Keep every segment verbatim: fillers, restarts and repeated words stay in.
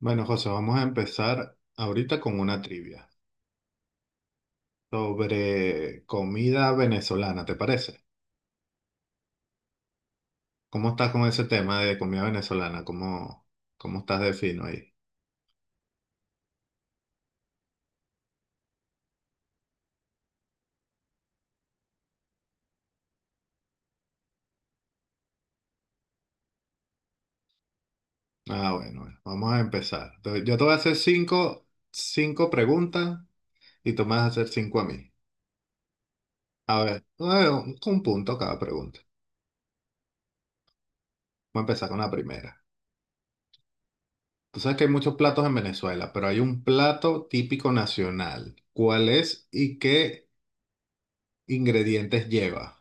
Bueno, José, vamos a empezar ahorita con una trivia sobre comida venezolana, ¿te parece? ¿Cómo estás con ese tema de comida venezolana? ¿Cómo, cómo estás de fino ahí? Ah, bueno, bueno, vamos a empezar. Entonces, yo te voy a hacer cinco, cinco preguntas y tú me vas a hacer cinco a mí. A ver, bueno, un punto cada pregunta. Vamos a empezar con la primera. Tú sabes que hay muchos platos en Venezuela, pero hay un plato típico nacional. ¿Cuál es y qué ingredientes lleva?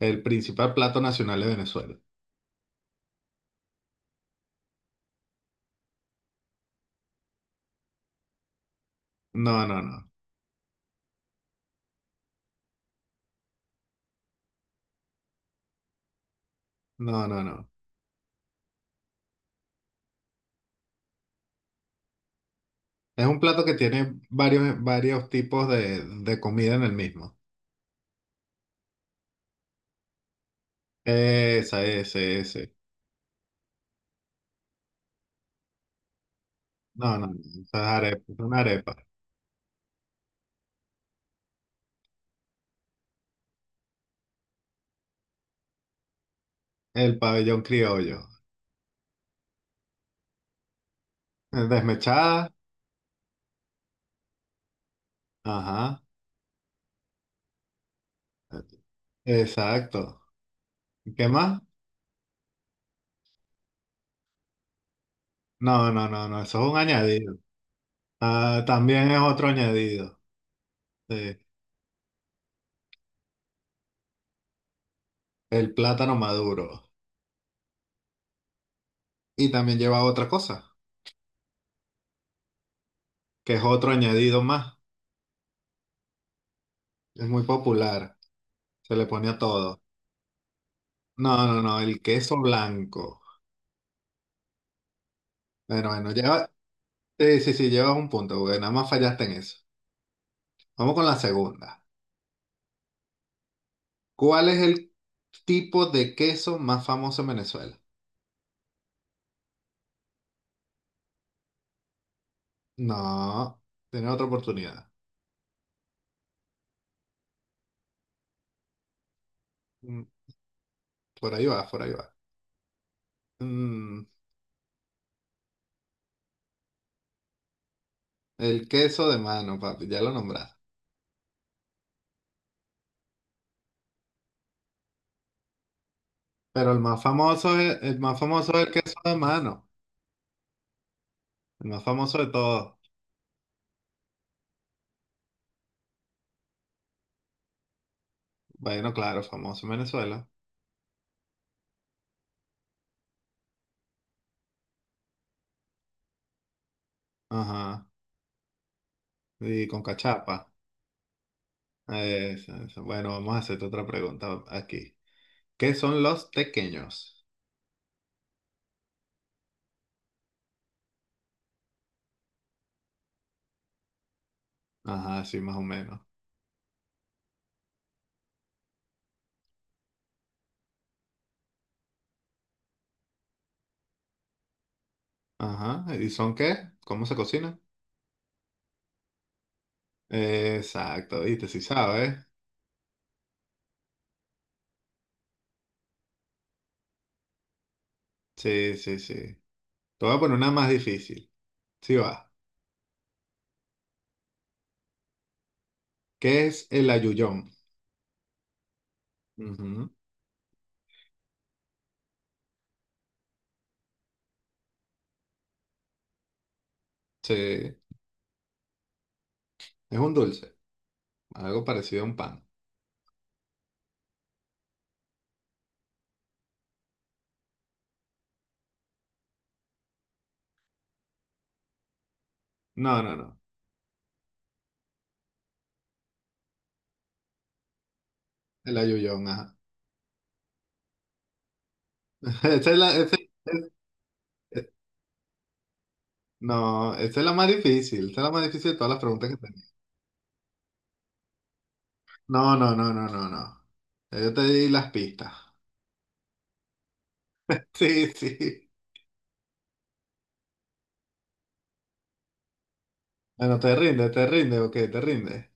El principal plato nacional de Venezuela. No, no, no. No, no, no. Es un plato que tiene varios, varios tipos de, de comida en el mismo. Esa, ese, ese. No, no, no. Esa es arepa, es una arepa. El pabellón criollo. Eh, Desmechada. Ajá. Exacto. ¿Qué más? No, no, no, no. Eso es un añadido. Ah, también es otro añadido. Sí. El plátano maduro. Y también lleva otra cosa, que es otro añadido más. Es muy popular. Se le ponía todo. No, no, no, el queso blanco. Bueno, bueno, lleva, sí, sí, sí, llevas un punto, porque nada más fallaste en eso. Vamos con la segunda. ¿Cuál es el tipo de queso más famoso en Venezuela? No, tienes otra oportunidad. Mm, por ahí va, por ahí va. Mm, el queso de mano, papi, ya lo nombraste. Pero el más famoso es, el más famoso es el queso de mano. El más famoso de todos. Bueno, claro, famoso en Venezuela. Ajá. Y con cachapa. Eso, eso. Bueno, vamos a hacerte otra pregunta aquí. ¿Qué son los tequeños? Ajá, sí, más o menos. Ajá, ¿y son qué? ¿Cómo se cocina? Exacto, viste, sí sabes. Sí, sí, sí. Te voy a poner una más difícil. Sí va. ¿Qué es el ayuyón? Ujú, sí, es un dulce, algo parecido a un pan. No, no, no. El ayuyón, ajá. Esa es la, esa es- es- No, esta es la más difícil. Esta es la más difícil de todas las preguntas que tengo. No, no, no, no, no, no. Ya yo te di las pistas. Sí, sí. Bueno, te rinde, te rinde, ok, te rinde.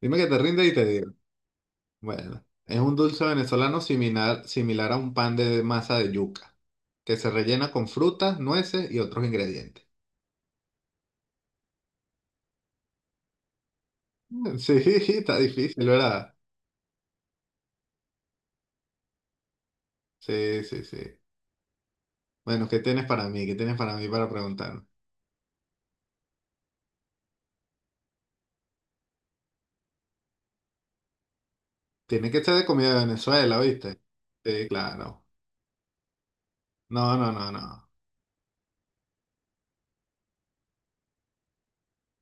Dime que te rinde y te digo. Bueno, es un dulce venezolano similar, similar a un pan de masa de yuca, que se rellena con frutas, nueces y otros ingredientes. Mm, sí, está difícil, ¿verdad? Sí, sí, sí. Bueno, ¿qué tienes para mí? ¿Qué tienes para mí para preguntarme? Tiene que ser de comida de Venezuela, ¿viste? Sí, claro. No, no, no, no.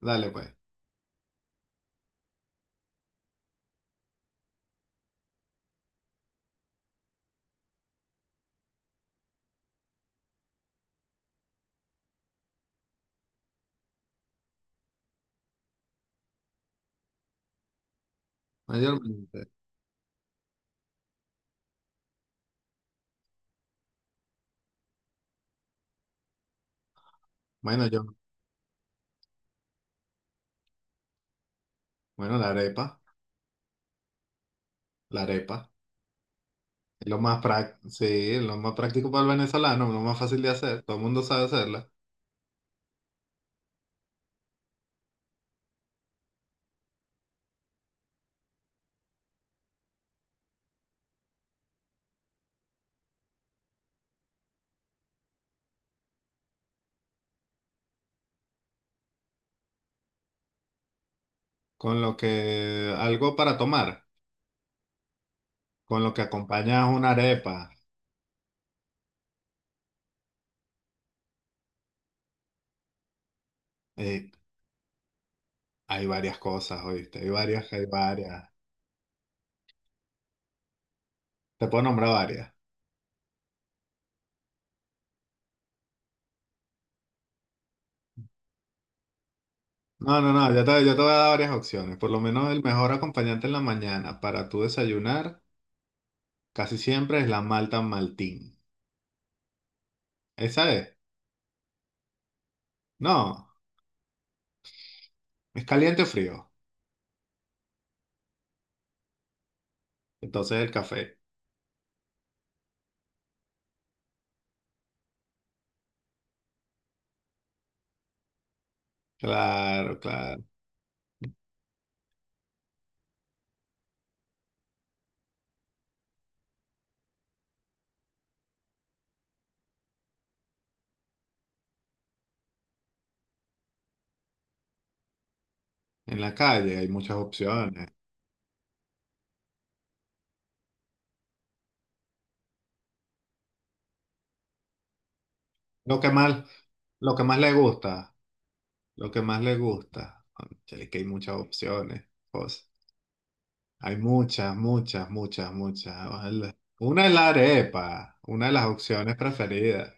Dale, pues. Mayormente. Bueno, yo Bueno, la arepa, la arepa. Es lo más práctico, sí, es lo más práctico para el venezolano, lo más fácil de hacer, todo el mundo sabe hacerla. Con lo que, algo para tomar, con lo que acompañas una arepa. Eh, Hay varias cosas, ¿oíste? Hay varias, hay varias. Te puedo nombrar varias. No, no, no, yo te, yo te voy a dar varias opciones. Por lo menos el mejor acompañante en la mañana para tu desayunar casi siempre es la malta maltín. ¿Esa es? No, es caliente o frío. Entonces el café. Claro, claro. En la calle hay muchas opciones. Lo que más, lo que más le gusta, lo que más le gusta. Cónchale, que hay muchas opciones. Cosas. Hay muchas, muchas, muchas, muchas. Ojalá. Una es la arepa, una de las opciones preferidas.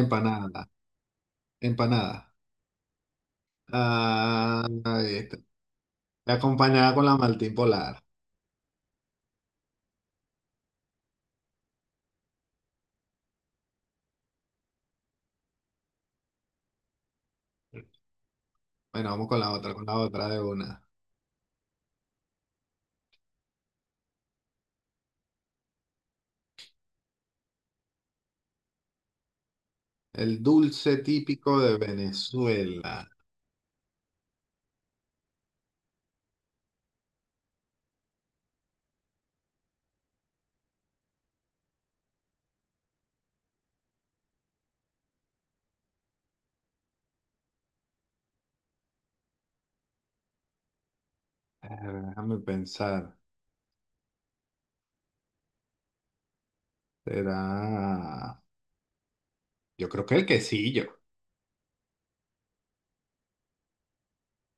Empanada, empanada. Ah, ahí está. Acompañada con la maltín polar. Bueno, vamos con la otra, con la otra de una. El dulce típico de Venezuela. Eh, déjame pensar. Será. Yo creo que el quesillo.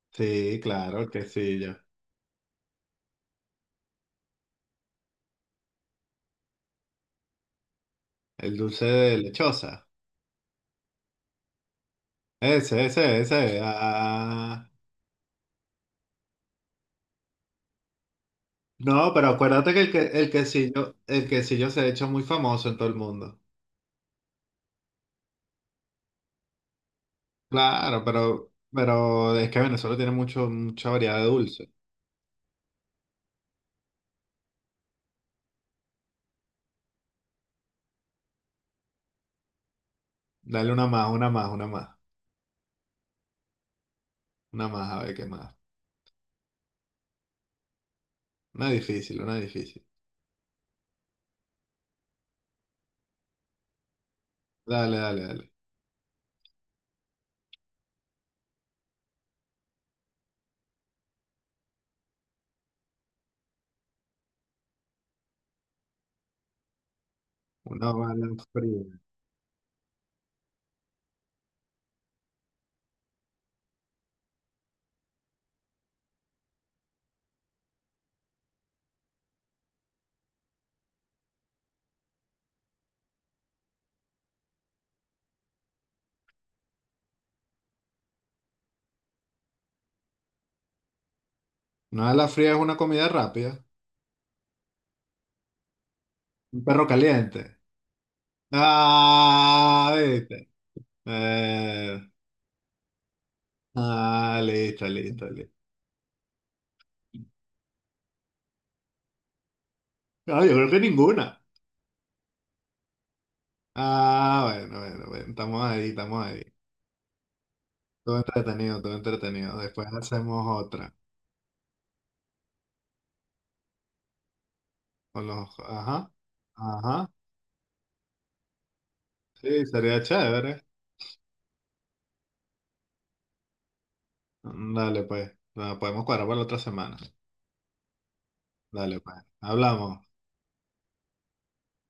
Sí, claro, el quesillo. El dulce de lechosa. Ese, ese, ese. Ah. No, pero acuérdate que el, que el quesillo, el quesillo se ha hecho muy famoso en todo el mundo. Claro, pero, pero es que Venezuela tiene mucho, mucha variedad de dulce. Dale una más, una más, una más. Una más, a ver qué más. Una difícil, una difícil. Dale, dale, dale. Una bala fría. Una bala fría es una comida rápida. Un perro caliente. Ah, ¿viste? Eh, ah, listo, listo, listo. No, yo creo que ninguna. Ah, bueno, bueno, bueno, estamos ahí, estamos ahí. Todo entretenido, todo entretenido. Después hacemos otra. Con los, ajá, ajá. Sí, sería chévere. Dale, pues. Bueno, podemos cuadrar para la otra semana. Dale, pues. Hablamos.